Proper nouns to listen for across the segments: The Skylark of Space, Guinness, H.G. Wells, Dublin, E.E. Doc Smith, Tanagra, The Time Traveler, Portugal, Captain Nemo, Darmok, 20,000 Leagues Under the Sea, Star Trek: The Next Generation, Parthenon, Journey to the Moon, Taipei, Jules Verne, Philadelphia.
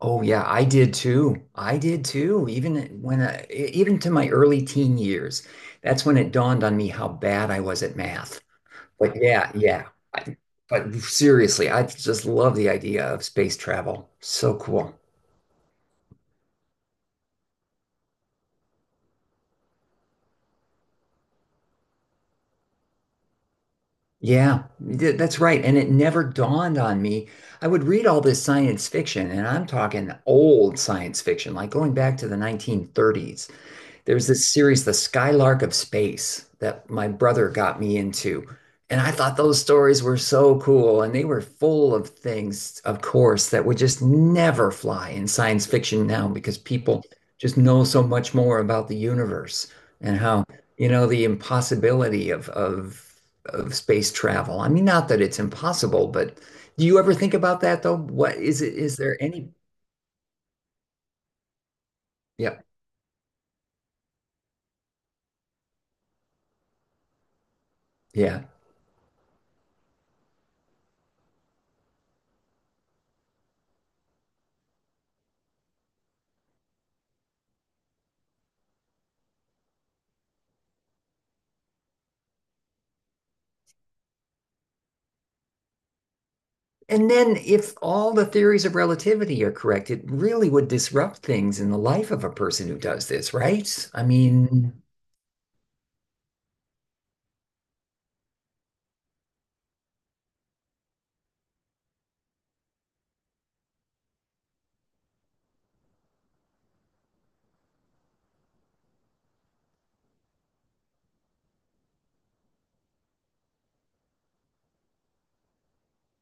Oh yeah, I did too. I did too. Even when even to my early teen years, that's when it dawned on me how bad I was at math. But yeah, yeah. I, but seriously, I just love the idea of space travel. So cool. Yeah, that's right. And it never dawned on me. I would read all this science fiction, and I'm talking old science fiction, like going back to the 1930s. There's this series, The Skylark of Space, that my brother got me into. And I thought those stories were so cool. And they were full of things, of course, that would just never fly in science fiction now because people just know so much more about the universe and how, you know, the impossibility of space travel. I mean, not that it's impossible, but do you ever think about that though? What is it? Is there any? Yeah. Yeah. And then, if all the theories of relativity are correct, it really would disrupt things in the life of a person who does this, right? I mean,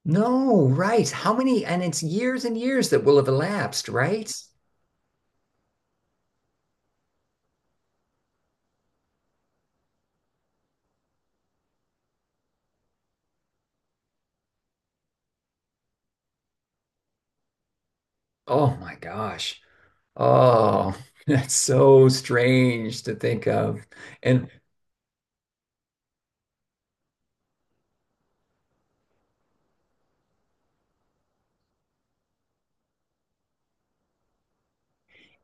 no, right. How many, and it's years and years that will have elapsed, right? Oh my gosh. Oh, that's so strange to think of. And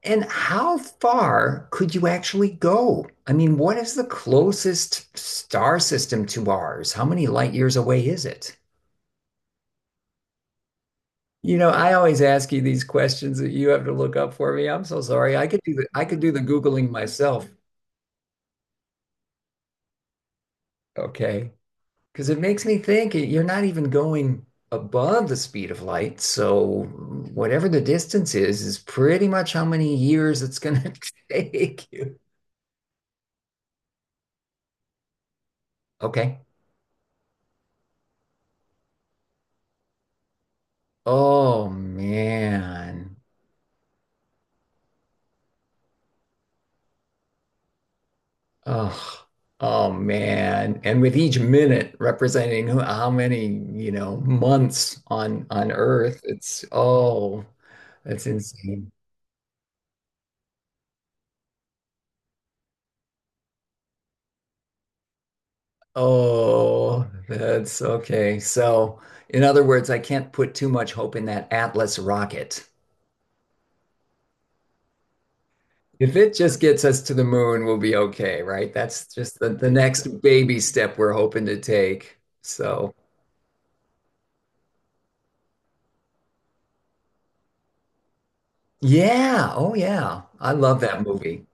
and how far could you actually go? I mean, what is the closest star system to ours? How many light years away is it? You know, I always ask you these questions that you have to look up for me. I'm so sorry. I could do the I could do the Googling myself, okay? Because it makes me think you're not even going above the speed of light. So whatever the distance is pretty much how many years it's gonna take you. Okay. Oh man. Oh, oh man. And with each minute representing how many, you know, months on Earth, it's oh, that's insane. Oh, that's okay. So, in other words, I can't put too much hope in that Atlas rocket. If it just gets us to the moon, we'll be okay, right? That's just the next baby step we're hoping to take. So, yeah. Oh, yeah. I love that movie.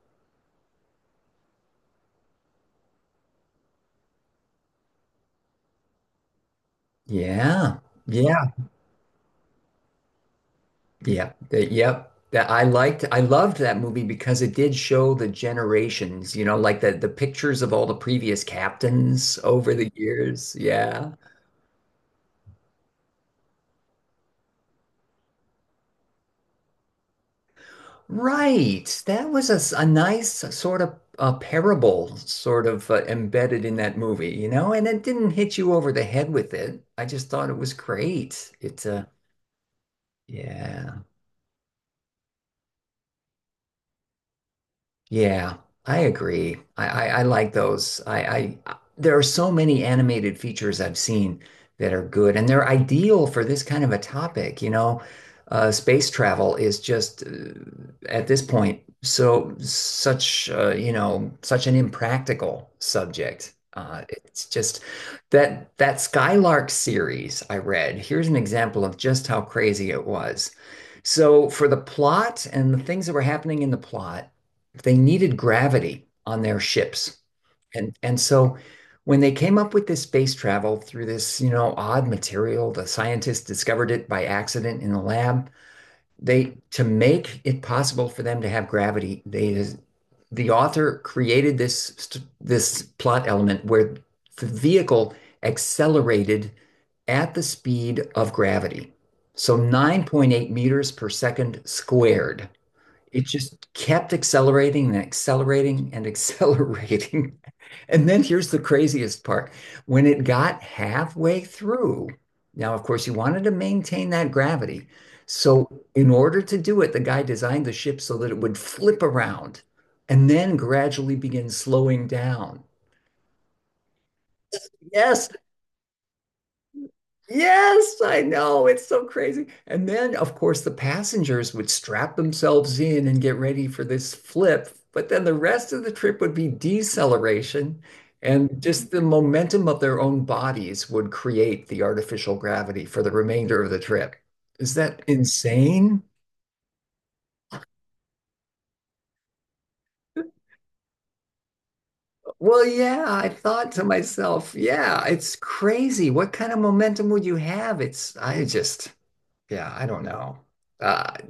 Yeah. Yeah. Yeah, the, yep. I loved that movie because it did show the generations, you know, like the pictures of all the previous captains over the years. Yeah. Right. That was a nice sort of a parable sort of embedded in that movie, you know, and it didn't hit you over the head with it. I just thought it was great. It's yeah. Yeah, I agree. I like those. I there are so many animated features I've seen that are good, and they're ideal for this kind of a topic. You know, space travel is just at this point so such you know such an impractical subject. It's just that that Skylark series I read. Here's an example of just how crazy it was. So for the plot and the things that were happening in the plot they needed gravity on their ships. And so when they came up with this space travel through this, you know, odd material, the scientists discovered it by accident in the lab. They to make it possible for them to have gravity, they the author created this plot element where the vehicle accelerated at the speed of gravity. So 9.8 meters per second squared it just kept accelerating and accelerating and accelerating. And then here's the craziest part. When it got halfway through, now, of course, you wanted to maintain that gravity. So, in order to do it, the guy designed the ship so that it would flip around and then gradually begin slowing down. Yes, Yes, I know. It's so crazy. And then, of course, the passengers would strap themselves in and get ready for this flip. But then the rest of the trip would be deceleration, and just the momentum of their own bodies would create the artificial gravity for the remainder of the trip. Is that insane? Well, yeah, I thought to myself, yeah, it's crazy. What kind of momentum would you have? I just, yeah, I don't know. Uh,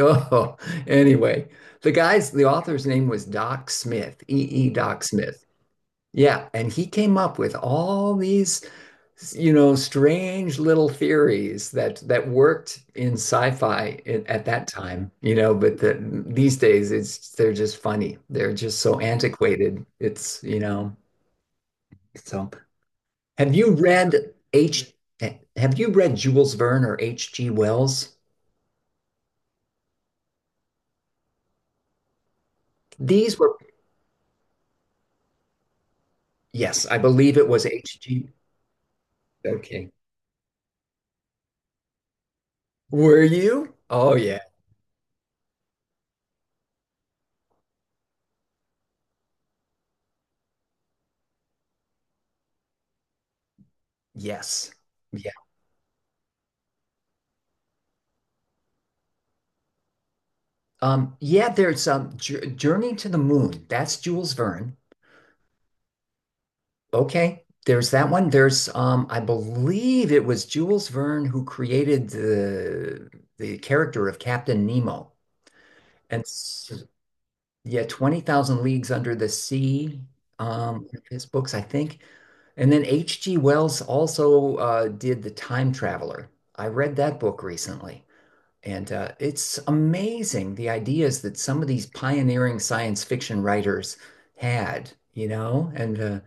Oh, anyway, the author's name was Doc Smith, E.E. Doc Smith. Yeah, and he came up with all these, you know, strange little theories that worked in sci-fi in, at that time, you know, but these days it's they're just funny. They're just so antiquated. It's, you know, so have you read H have you read Jules Verne or H.G. Wells? These were, yes, I believe it was H.G. Okay. Were you? Oh yeah. Yes. Yeah. Yeah, there's Journey to the Moon. That's Jules Verne. Okay. There's that one. There's I believe it was Jules Verne who created the character of Captain Nemo. And s- yeah, 20,000 Leagues Under the Sea, one of his books, I think. And then H.G. Wells also did The Time Traveler. I read that book recently. And it's amazing the ideas that some of these pioneering science fiction writers had, you know? And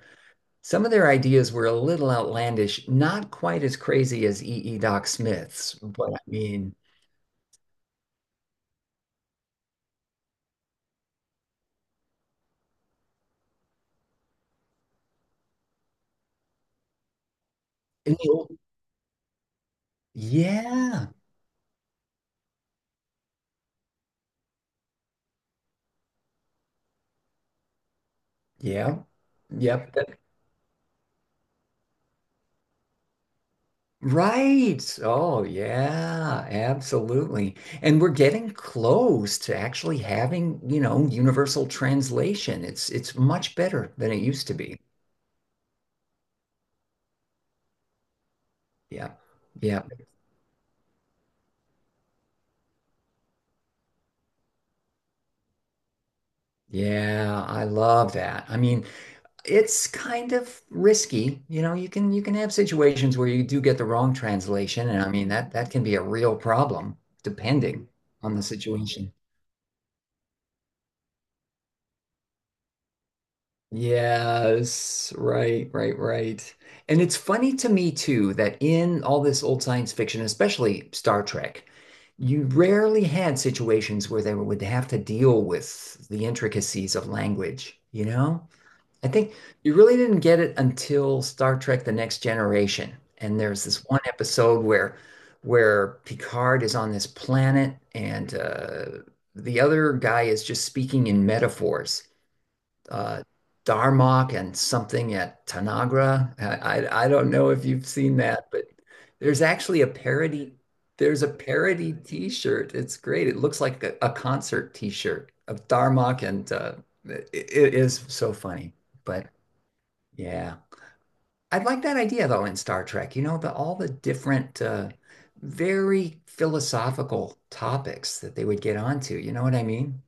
some of their ideas were a little outlandish, not quite as crazy as E. E. Doc Smith's, but I mean, in the old, yeah, yeah, yep, that- right. Oh, yeah, absolutely. And we're getting close to actually having, you know, universal translation. It's much better than it used to be. Yeah. Yeah. Yeah, I love that. I mean, it's kind of risky. You know, you can have situations where you do get the wrong translation, and I mean that can be a real problem depending on the situation. Yes, right, right, right. And it's funny to me too that in all this old science fiction, especially Star Trek, you rarely had situations where they would have to deal with the intricacies of language, you know? I think you really didn't get it until Star Trek: The Next Generation. And there's this one episode where Picard is on this planet and the other guy is just speaking in metaphors. Uh, Darmok and something at Tanagra. I don't know if you've seen that, but there's actually a parody. There's a parody T-shirt. It's great. It looks like a concert T-shirt of Darmok and it is so funny. But yeah. I would like that idea though in Star Trek, you know, the all the different very philosophical topics that they would get onto, you know what I mean?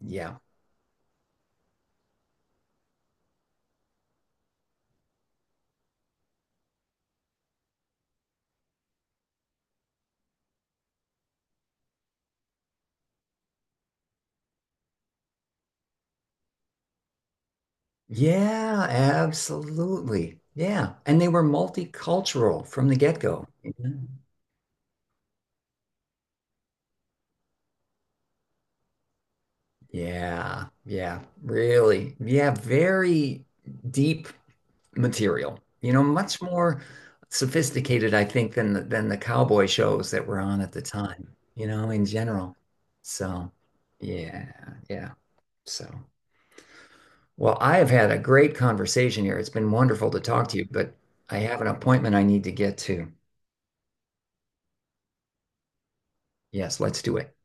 Yeah. Yeah, absolutely. Yeah. And they were multicultural from the get-go. You Yeah. Yeah. Really. Yeah, very deep material. You know, much more sophisticated, I think, than than the cowboy shows that were on at the time, you know, in general. So, yeah, yeah. So, well, I have had a great conversation here. It's been wonderful to talk to you, but I have an appointment I need to get to. Yes, let's do it.